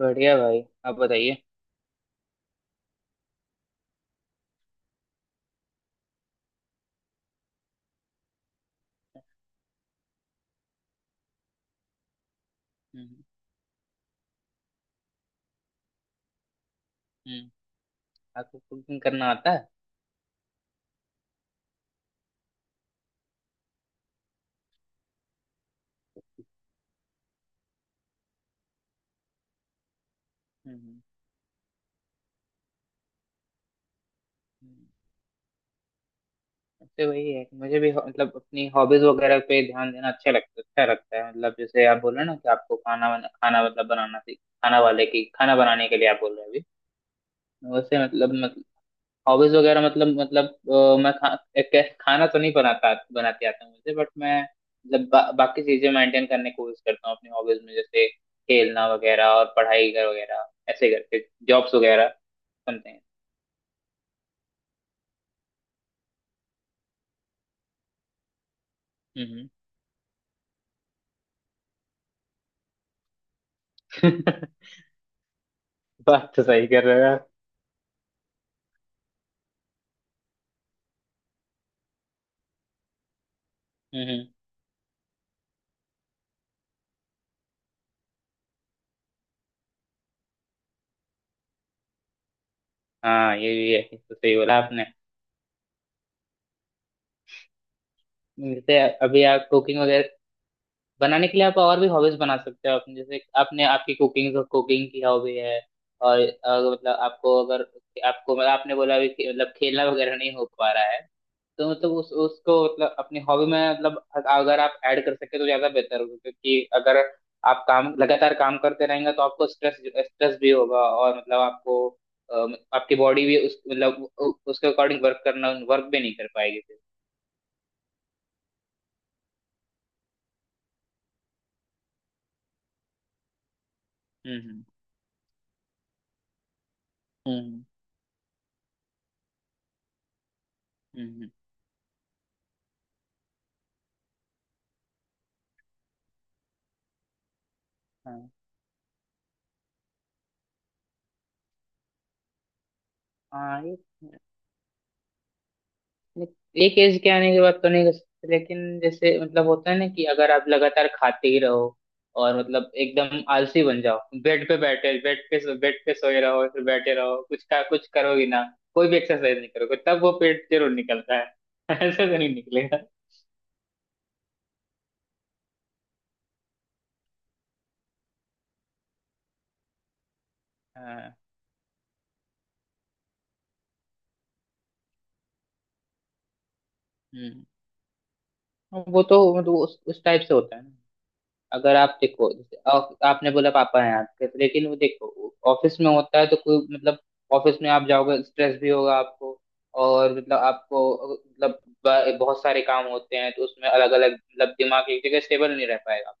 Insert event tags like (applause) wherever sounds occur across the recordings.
बढ़िया भाई आप बताइए। हम्म। हम्म। आपको कुकिंग करना आता है? हम्म। हम्म, तो वही है कि मुझे भी मतलब अपनी हॉबीज वगैरह पे ध्यान देना अच्छा लगता है। मतलब जैसे आप बोल रहे हो ना कि आपको खाना मतलब बनाना सीख खाना वाले की खाना बनाने के लिए आप बोल रहे हो अभी। वैसे मतलब हॉबीज वगैरह मतलब मतलब मैं खाना तो नहीं बनाता बनाती आता मुझे बट मैं मतलब बाकी चीजें मेंटेन करने की कोशिश करता हूँ अपनी हॉबीज में जैसे खेलना वगैरह और पढ़ाई कर वगैरह। ऐसे करके जॉब्स वगैरह बनते हैं। हम्म। (laughs) बात तो सही कर रहे हो यार। हम्म। हाँ ये भी है, ये तो सही बोला आपने। जैसे अभी आप कुकिंग वगैरह बनाने के लिए आप और भी हॉबीज बना सकते हो अपने, जैसे आपने आपकी कुकिंग कुकिंग की हॉबी है। और अगर मतलब आपको अगर आपको मतलब आपने बोला अभी कि मतलब खेलना वगैरह नहीं हो पा रहा है, तो मतलब उस उसको मतलब अपनी हॉबी में मतलब अगर आप ऐड कर सके तो ज्यादा बेहतर होगा, क्योंकि अगर आप काम लगातार काम करते रहेंगे तो आपको स्ट्रेस स्ट्रेस भी होगा। और मतलब आपको आपकी बॉडी भी उस मतलब उसके अकॉर्डिंग वर्क भी नहीं कर पाएगी फिर। हम्म। हम्म। हम्म। हम्म। हाँ। हाँ ये एक एज के आने के बाद तो नहीं कर सकते, लेकिन जैसे मतलब होता है ना कि अगर आप लगातार खाते ही रहो और मतलब एकदम आलसी बन जाओ, बेड पे बैठे बेड पे सोए रहो फिर बैठे रहो, कुछ का कुछ करोगे ना, कोई भी एक्सरसाइज नहीं करोगे तब वो पेट जरूर निकलता है। (laughs) ऐसे तो नहीं निकलेगा। हाँ। हम्म। वो तो मतलब उस टाइप से होता है। अगर आप देखो जैसे आपने बोला पापा हैं आपके, तो लेकिन वो देखो ऑफिस में होता है तो कोई मतलब ऑफिस में आप जाओगे, स्ट्रेस भी होगा आपको। और मतलब आपको मतलब बहुत सारे काम होते हैं तो उसमें अलग अलग मतलब दिमाग एक जगह स्टेबल नहीं रह पाएगा।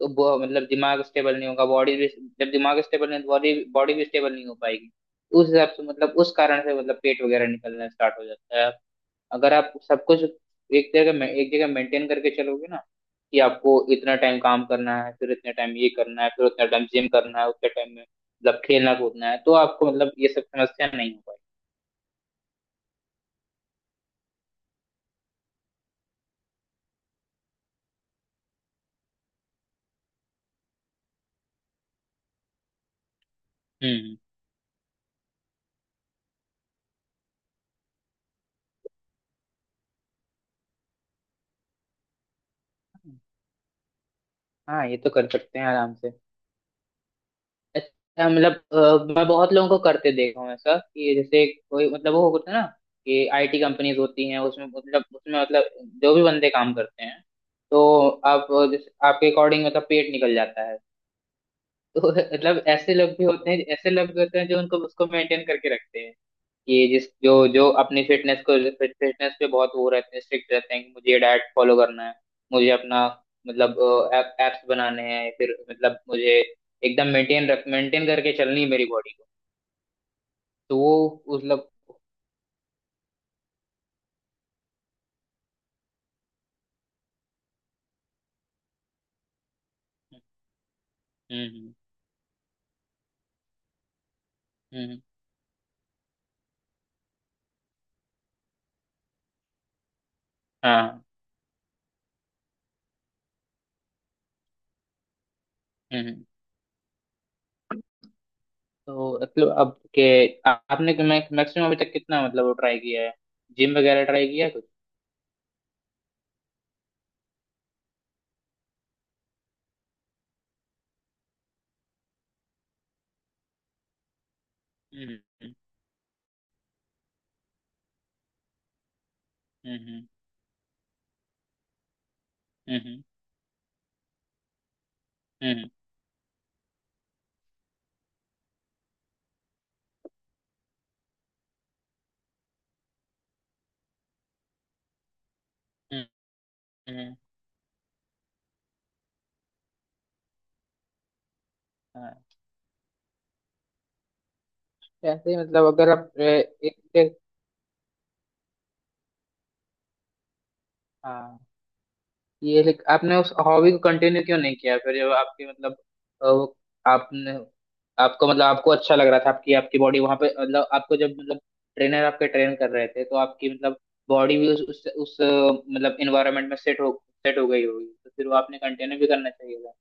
तो मतलब दिमाग स्टेबल नहीं होगा, बॉडी भी, जब दिमाग स्टेबल नहीं बॉडी बॉडी भी स्टेबल नहीं हो पाएगी। तो उस हिसाब से मतलब उस कारण से मतलब पेट वगैरह निकलना स्टार्ट हो जाता है। अगर आप सब कुछ एक जगह मेंटेन करके चलोगे ना कि आपको इतना टाइम काम करना है, फिर इतना टाइम ये करना है, फिर उतना टाइम जिम करना है, उतने टाइम में मतलब खेलना कूदना है, तो आपको मतलब ये सब समस्या नहीं हो पाई। हम्म। हाँ ये तो कर सकते हैं आराम से। अच्छा मतलब मैं बहुत लोगों को करते देखा हूँ ऐसा, कि जैसे कोई मतलब वो होता है ना कि आईटी कंपनीज होती हैं उसमें मतलब जो भी बंदे काम करते हैं, तो आप जैसे आपके अकॉर्डिंग मतलब पेट निकल जाता है। तो मतलब ऐसे लोग भी होते हैं जो उनको उसको मेंटेन करके रखते हैं। ये जिस जो जो अपनी फिटनेस पे बहुत वो रहते हैं, स्ट्रिक्ट रहते हैं कि मुझे ये डाइट फॉलो करना है, मुझे अपना मतलब एप्स बनाने हैं, फिर मतलब मुझे एकदम मेंटेन करके चलनी है मेरी बॉडी को। तो वो उस मतलब हम्म। हम्म। हम्म। हम्म। हाँ। हम्म। हम्म। तो मतलब अब के आपने मैक्सिमम अभी तक कितना मतलब ट्राई किया है? जिम वगैरह ट्राई किया है कुछ? हम्म। हम्म। हम्म। हम्म। हम्म। हम्म। हम्म। हाँ। ऐसे ही मतलब अगर आप हाँ ये आपने उस हॉबी को कंटिन्यू क्यों नहीं किया फिर, जब आपकी मतलब वो आपने आपको मतलब आपको अच्छा लग रहा था, आपकी आपकी बॉडी वहां पे, मतलब आपको जब मतलब ट्रेनर आपके ट्रेन कर रहे थे तो आपकी मतलब बॉडी भी उस, उस मतलब इन्वायरमेंट में सेट हो गई होगी, तो फिर वो आपने कंटिन्यू भी करना चाहिए था।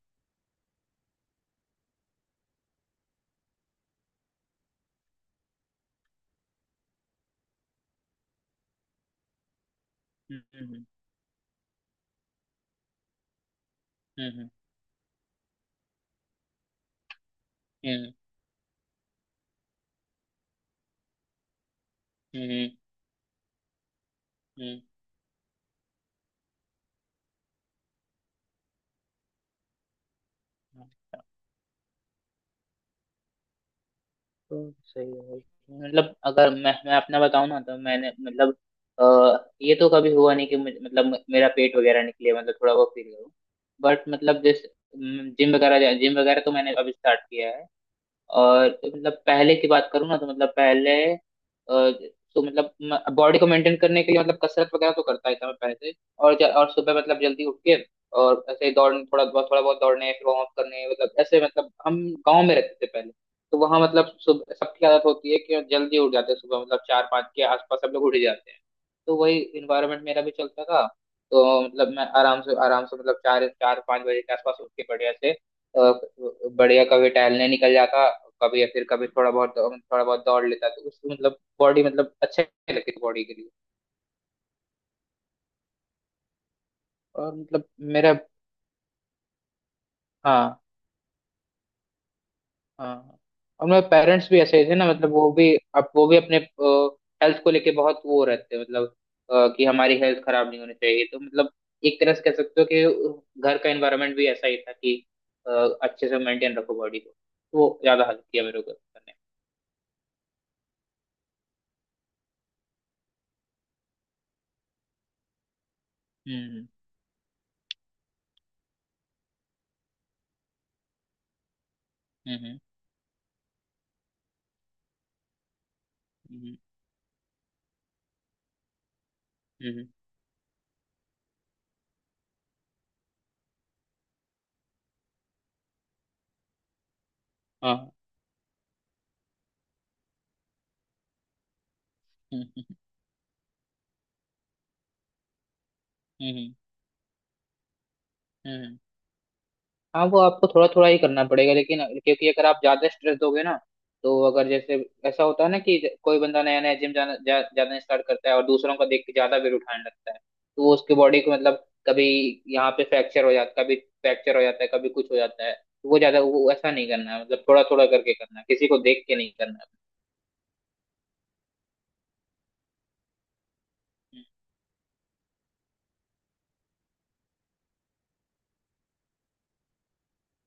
हम्म। हम्म। हम्म। हम्म। हम्म। हम्म। हम्म। हम्म। तो सही है भाई। मतलब अगर मैं अपना बताऊं ना तो मैंने मतलब अ, ये तो कभी हुआ नहीं कि मुझे- मतलब मेरा पेट वगैरह निकले, मतलब थोड़ा बहुत फील करूं। बट मतलब जैसे जिम वगैरह तो मैंने अभी स्टार्ट किया है। और मतलब पहले की बात करूँ ना तो मतलब पहले तो मतलब बॉडी को मेंटेन करने के लिए मतलब कसरत वगैरह तो करता ही था मैं पहले से। और और सुबह मतलब जल्दी उठ के और ऐसे ही दौड़ थोड़ा बहुत दौड़ने, फिर वार्म अप करने, मतलब ऐसे मतलब हम गांव में रहते थे पहले। तो वहां मतलब सुबह सबकी आदत होती है कि जल्दी उठ जाते हैं, सुबह मतलब चार पाँच के आसपास सब लोग उठ ही जाते हैं। तो वही इन्वायरमेंट मेरा भी चलता था। तो मतलब मैं आराम से मतलब चार चार पाँच बजे के आसपास उठ के बढ़िया से अ, बढ़िया कभी टहलने निकल जाता, कभी या फिर कभी थोड़ा बहुत थोड़ा बहुत दौड़ लेता, तो उसकी मतलब बॉडी मतलब अच्छे लगती बॉडी के लिए। और मतलब मेरा हाँ। हाँ। हाँ। और मेरे पेरेंट्स भी ऐसे थे ना, मतलब वो भी अपने हेल्थ को लेके बहुत वो रहते हैं, मतलब कि हमारी हेल्थ खराब नहीं होनी चाहिए। तो मतलब एक तरह से कह सकते हो कि घर का एनवायरनमेंट भी ऐसा ही था कि अ, अच्छे से मेंटेन रखो बॉडी को, तो वो ज्यादा हेल्प किया मेरे को करने। हम्म। हम्म। हम्म। हम्म। हम्म। हाँ। हम्म। हम्म। हाँ वो आपको थोड़ा थोड़ा ही करना पड़ेगा, लेकिन क्योंकि अगर आप ज्यादा स्ट्रेस दोगे ना तो अगर जैसे ऐसा होता है ना कि कोई बंदा नया नया जिम जाना स्टार्ट करता है और दूसरों को देख के ज्यादा वेट उठाने लगता है, तो वो उसके बॉडी को मतलब कभी यहाँ पे फ्रैक्चर हो जाता है, कभी फ्रैक्चर हो जाता है, कभी कुछ हो जाता है। तो वो ज्यादा वो ऐसा नहीं करना है, मतलब थोड़ा थोड़ा करके करना है, किसी को देख के नहीं करना। हम्म।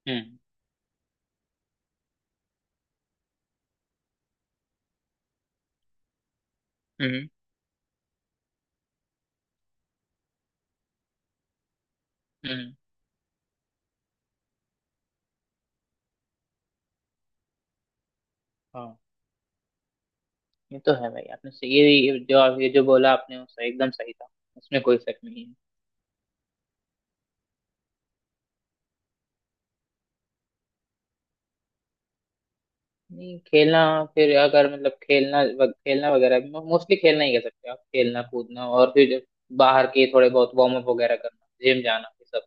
हम्म। हम्म। हम्म। हाँ। ये तो है भाई, आपने सही ये जो आप ये जो बोला आपने वो सही, एकदम सही था। उसमें कोई शक नहीं है। नहीं, खेलना फिर अगर मतलब खेलना वगैरह भी मोस्टली खेलना ही कह सकते हैं आप, खेलना कूदना और फिर जब बाहर के थोड़े बहुत वार्म अप वगैरह करना, जिम जाना, ये सब।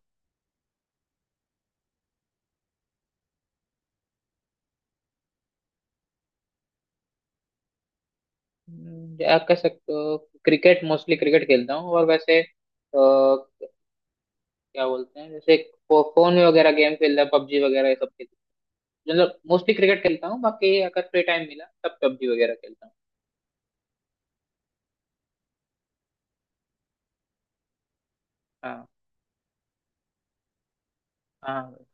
हम्म। आप कह सकते हो क्रिकेट, मोस्टली क्रिकेट खेलता हूँ। और वैसे क्या बोलते हैं जैसे फोन में वगैरह गेम खेलता है पबजी वगैरह ये सब खेलता, मतलब मोस्टली क्रिकेट खेलता हूँ, बाकी अगर फ्री टाइम मिला तब पबजी वगैरह खेलता हूँ। हाँ। हाँ।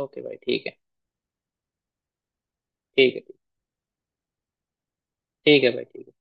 ओके भाई ठीक है। ठीक है। ठीक है भाई ठीक है।